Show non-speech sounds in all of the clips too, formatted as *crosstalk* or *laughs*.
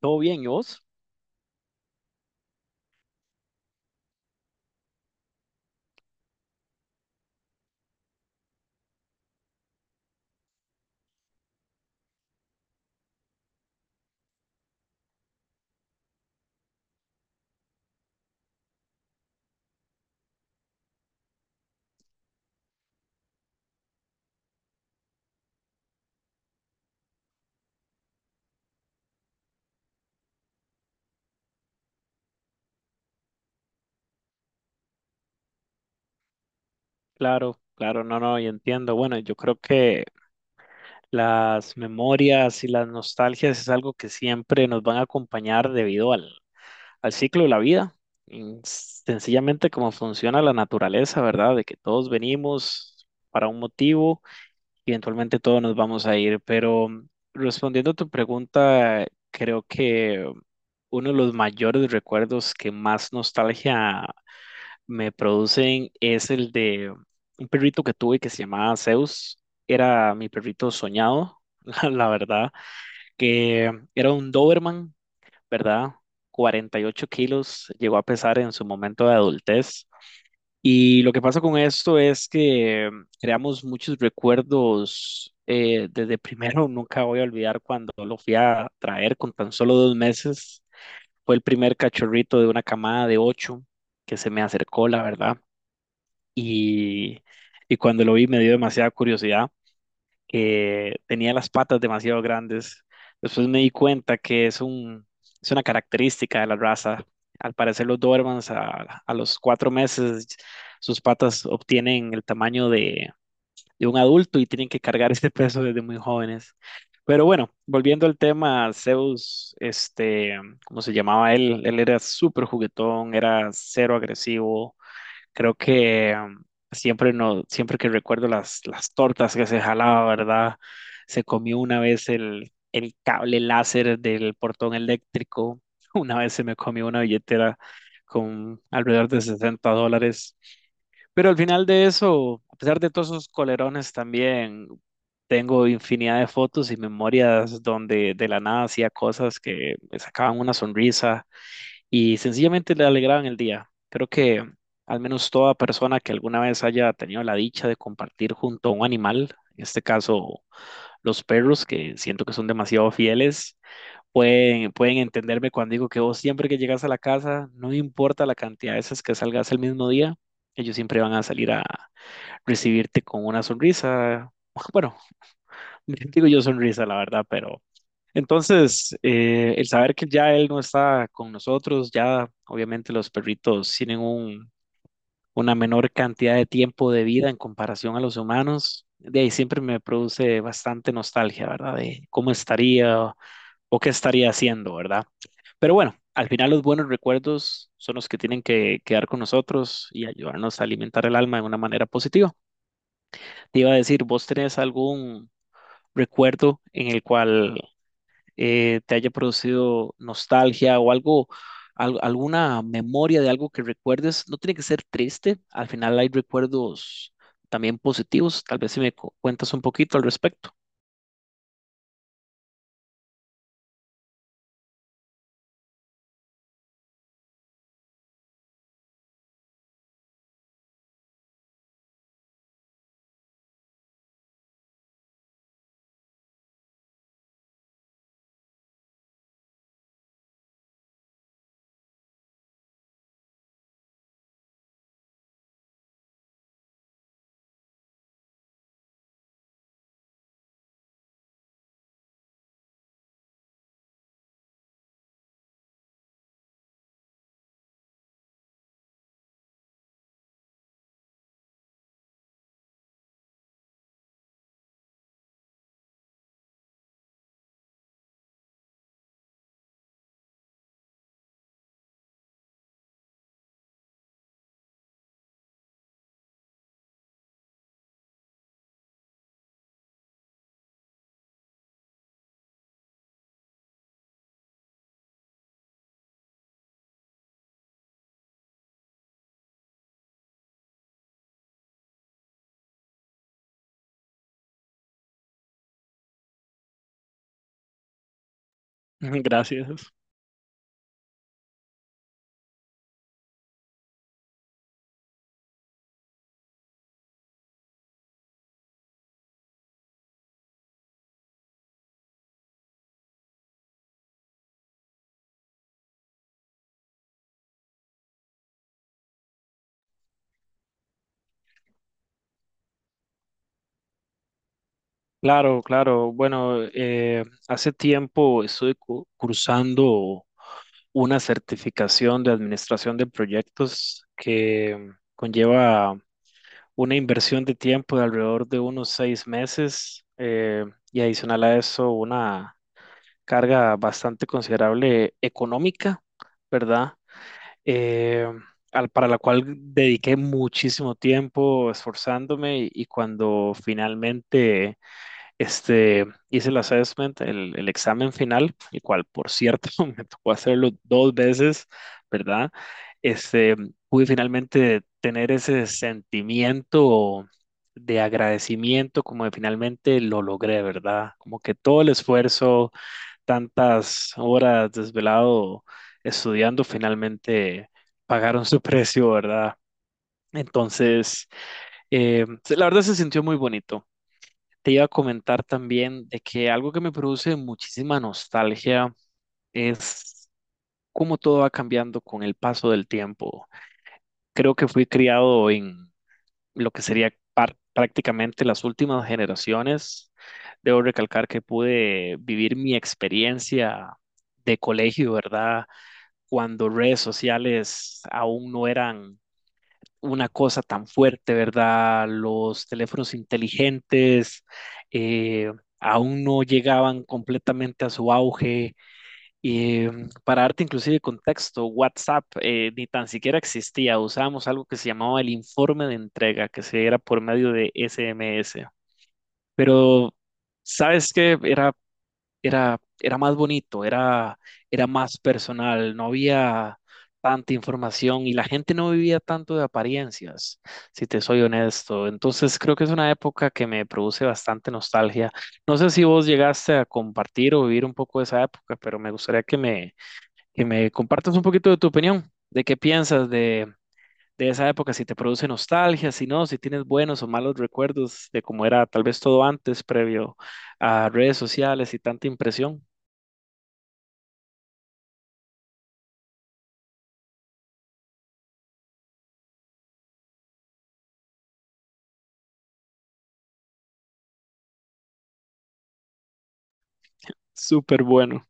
¿Todo bien? ¿Y vos? Claro, claro, no, no, y entiendo. Bueno, yo creo que las memorias y las nostalgias es algo que siempre nos van a acompañar debido al ciclo de la vida. Y sencillamente como funciona la naturaleza, ¿verdad? De que todos venimos para un motivo y eventualmente todos nos vamos a ir. Pero respondiendo a tu pregunta, creo que uno de los mayores recuerdos que más nostalgia me producen es el de un perrito que tuve que se llamaba Zeus. Era mi perrito soñado, *laughs* la verdad, que era un Doberman, ¿verdad? 48 kilos, llegó a pesar en su momento de adultez. Y lo que pasa con esto es que creamos muchos recuerdos desde primero. *laughs* Nunca voy a olvidar cuando lo fui a traer con tan solo 2 meses. Fue el primer cachorrito de una camada de ocho que se me acercó, la verdad, y, y cuando lo vi me dio demasiada curiosidad, que tenía las patas demasiado grandes. Después me di cuenta que es una característica de la raza. Al parecer los Dobermans a los 4 meses sus patas obtienen el tamaño de un adulto y tienen que cargar *laughs* este peso desde muy jóvenes. Pero bueno, volviendo al tema, Zeus, este, ¿cómo se llamaba él? Él era súper juguetón, era cero agresivo. Creo que siempre, no, siempre que recuerdo las tortas que se jalaba, ¿verdad? Se comió una vez el cable láser del portón eléctrico. *laughs* Una vez se me comió una billetera con alrededor de $60. Pero al final de eso, a pesar de todos esos colerones, también tengo infinidad de fotos y memorias donde de la nada hacía cosas que me sacaban una sonrisa y sencillamente le alegraban el día. Creo que al menos toda persona que alguna vez haya tenido la dicha de compartir junto a un animal, en este caso los perros, que siento que son demasiado fieles, pueden, pueden entenderme cuando digo que vos siempre que llegas a la casa, no importa la cantidad de veces que salgas el mismo día, ellos siempre van a salir a recibirte con una sonrisa. *laughs* Bueno, digo yo sonrisa, la verdad, pero entonces el saber que ya él no está con nosotros, ya obviamente los perritos tienen un, una menor cantidad de tiempo de vida en comparación a los humanos, de ahí siempre me produce bastante nostalgia, ¿verdad? De cómo estaría o qué estaría haciendo, ¿verdad? Pero bueno, al final los buenos recuerdos son los que tienen que quedar con nosotros y ayudarnos a alimentar el alma de una manera positiva. Te iba a decir, ¿vos tenés algún recuerdo en el cual te haya producido nostalgia o algo, alguna memoria de algo que recuerdes? No tiene que ser triste, al final hay recuerdos también positivos. Tal vez si me cuentas un poquito al respecto. *laughs* Gracias. Claro, claro. Bueno, hace tiempo estoy cursando una certificación de administración de proyectos que conlleva una inversión de tiempo de alrededor de unos 6 meses, y adicional a eso una carga bastante considerable económica, ¿verdad? Eh, para la cual dediqué muchísimo tiempo esforzándome y cuando finalmente hice el assessment, el examen final, el cual, por cierto, *laughs* me tocó hacerlo dos veces, ¿verdad? Este, pude finalmente tener ese sentimiento de agradecimiento, como de finalmente lo logré, ¿verdad? Como que todo el esfuerzo, tantas horas desvelado estudiando, finalmente pagaron su *laughs* precio, ¿verdad? Entonces, eh, la verdad se sintió muy bonito. Te iba a comentar también de que algo que me produce muchísima nostalgia es cómo todo va cambiando con el paso del tiempo. Creo que fui criado en lo que sería prácticamente las últimas generaciones. Debo recalcar que pude vivir mi experiencia de colegio, ¿verdad? Cuando redes sociales aún no eran una cosa tan fuerte, ¿verdad? Los teléfonos inteligentes eh, aún no llegaban completamente a su auge. Eh, para darte inclusive contexto, WhatsApp ni tan siquiera existía. Usábamos algo que se llamaba el informe de entrega, que se era por medio de SMS. Pero, ¿sabes qué? Era más bonito, era más personal, no había tanta información y la gente no vivía tanto de apariencias, si te soy honesto. Entonces creo que es una época que me produce bastante nostalgia. No sé si vos llegaste a compartir o vivir un poco esa época, pero me gustaría que me compartas un poquito de tu opinión, de qué piensas de esa época, si te produce nostalgia, si no, si tienes buenos o malos recuerdos de cómo era tal vez todo antes, previo a redes sociales y tanta impresión. Súper bueno.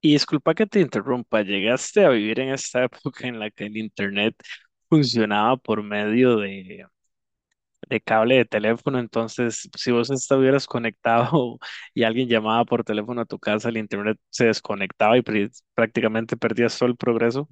Y disculpa que te interrumpa, ¿llegaste a vivir en esta *laughs* época en la que el internet funcionaba por medio de cable de teléfono? Entonces, si vos estuvieras conectado *laughs* y alguien llamaba por teléfono a tu casa, el internet se desconectaba y prácticamente perdías todo el progreso.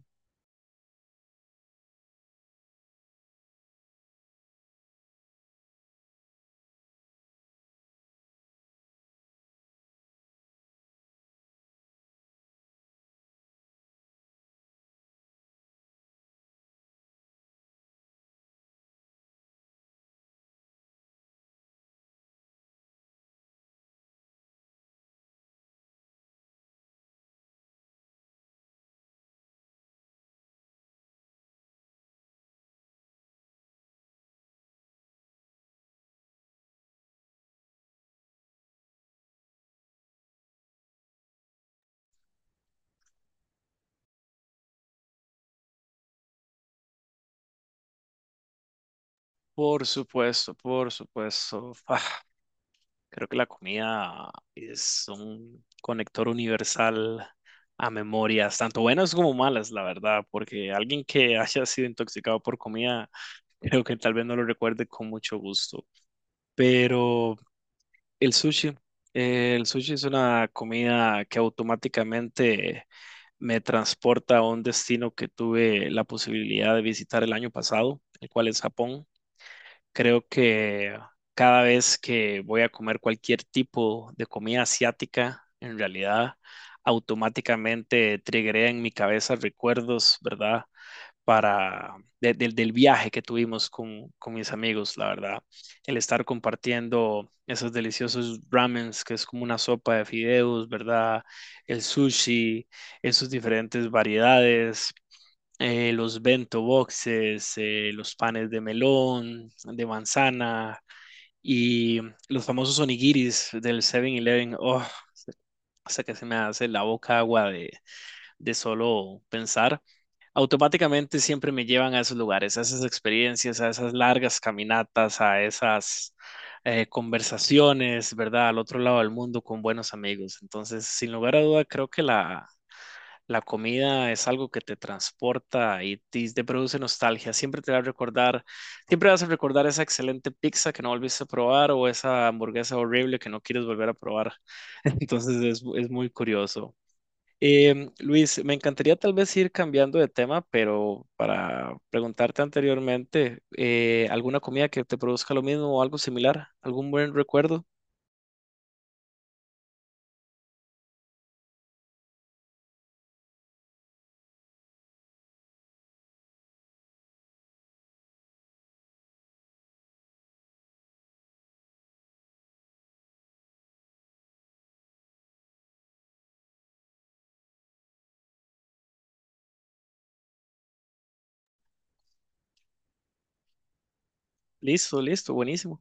Por supuesto, por supuesto. *laughs* Ah, creo que la comida es un conector universal a memorias, tanto buenas como malas, la verdad, porque alguien que *laughs* haya sido intoxicado por comida, creo que tal vez no lo recuerde con mucho gusto. Pero el sushi, el sushi es una comida que automáticamente me transporta a un destino que tuve la posibilidad de visitar el año pasado, el cual es Japón. Creo que cada vez que voy a comer cualquier tipo de comida asiática, en realidad automáticamente triggeré en mi cabeza recuerdos, ¿verdad? Para del viaje que tuvimos con mis amigos, la verdad. El estar compartiendo esos deliciosos ramens, que es como una sopa de fideos, ¿verdad? El sushi, en sus diferentes variedades, los bento boxes, los panes de melón, de manzana y los famosos onigiris del 7-Eleven. Oh, hasta que se me hace la boca agua de solo pensar, automáticamente siempre me llevan a esos lugares, a esas experiencias, a esas largas caminatas, a esas conversaciones, ¿verdad? Al otro lado del mundo con buenos amigos. Entonces, sin lugar a duda, creo que la comida es algo que te transporta y te produce nostalgia. Siempre te va a recordar, siempre vas a recordar esa excelente pizza que no volviste a probar o esa hamburguesa horrible que no quieres volver a probar. *laughs* Entonces, es muy curioso. Luis, me encantaría tal vez ir cambiando de tema, pero para preguntarte anteriormente, ¿alguna comida que te produzca lo mismo o algo similar? ¿Algún buen recuerdo? Listo, listo, buenísimo.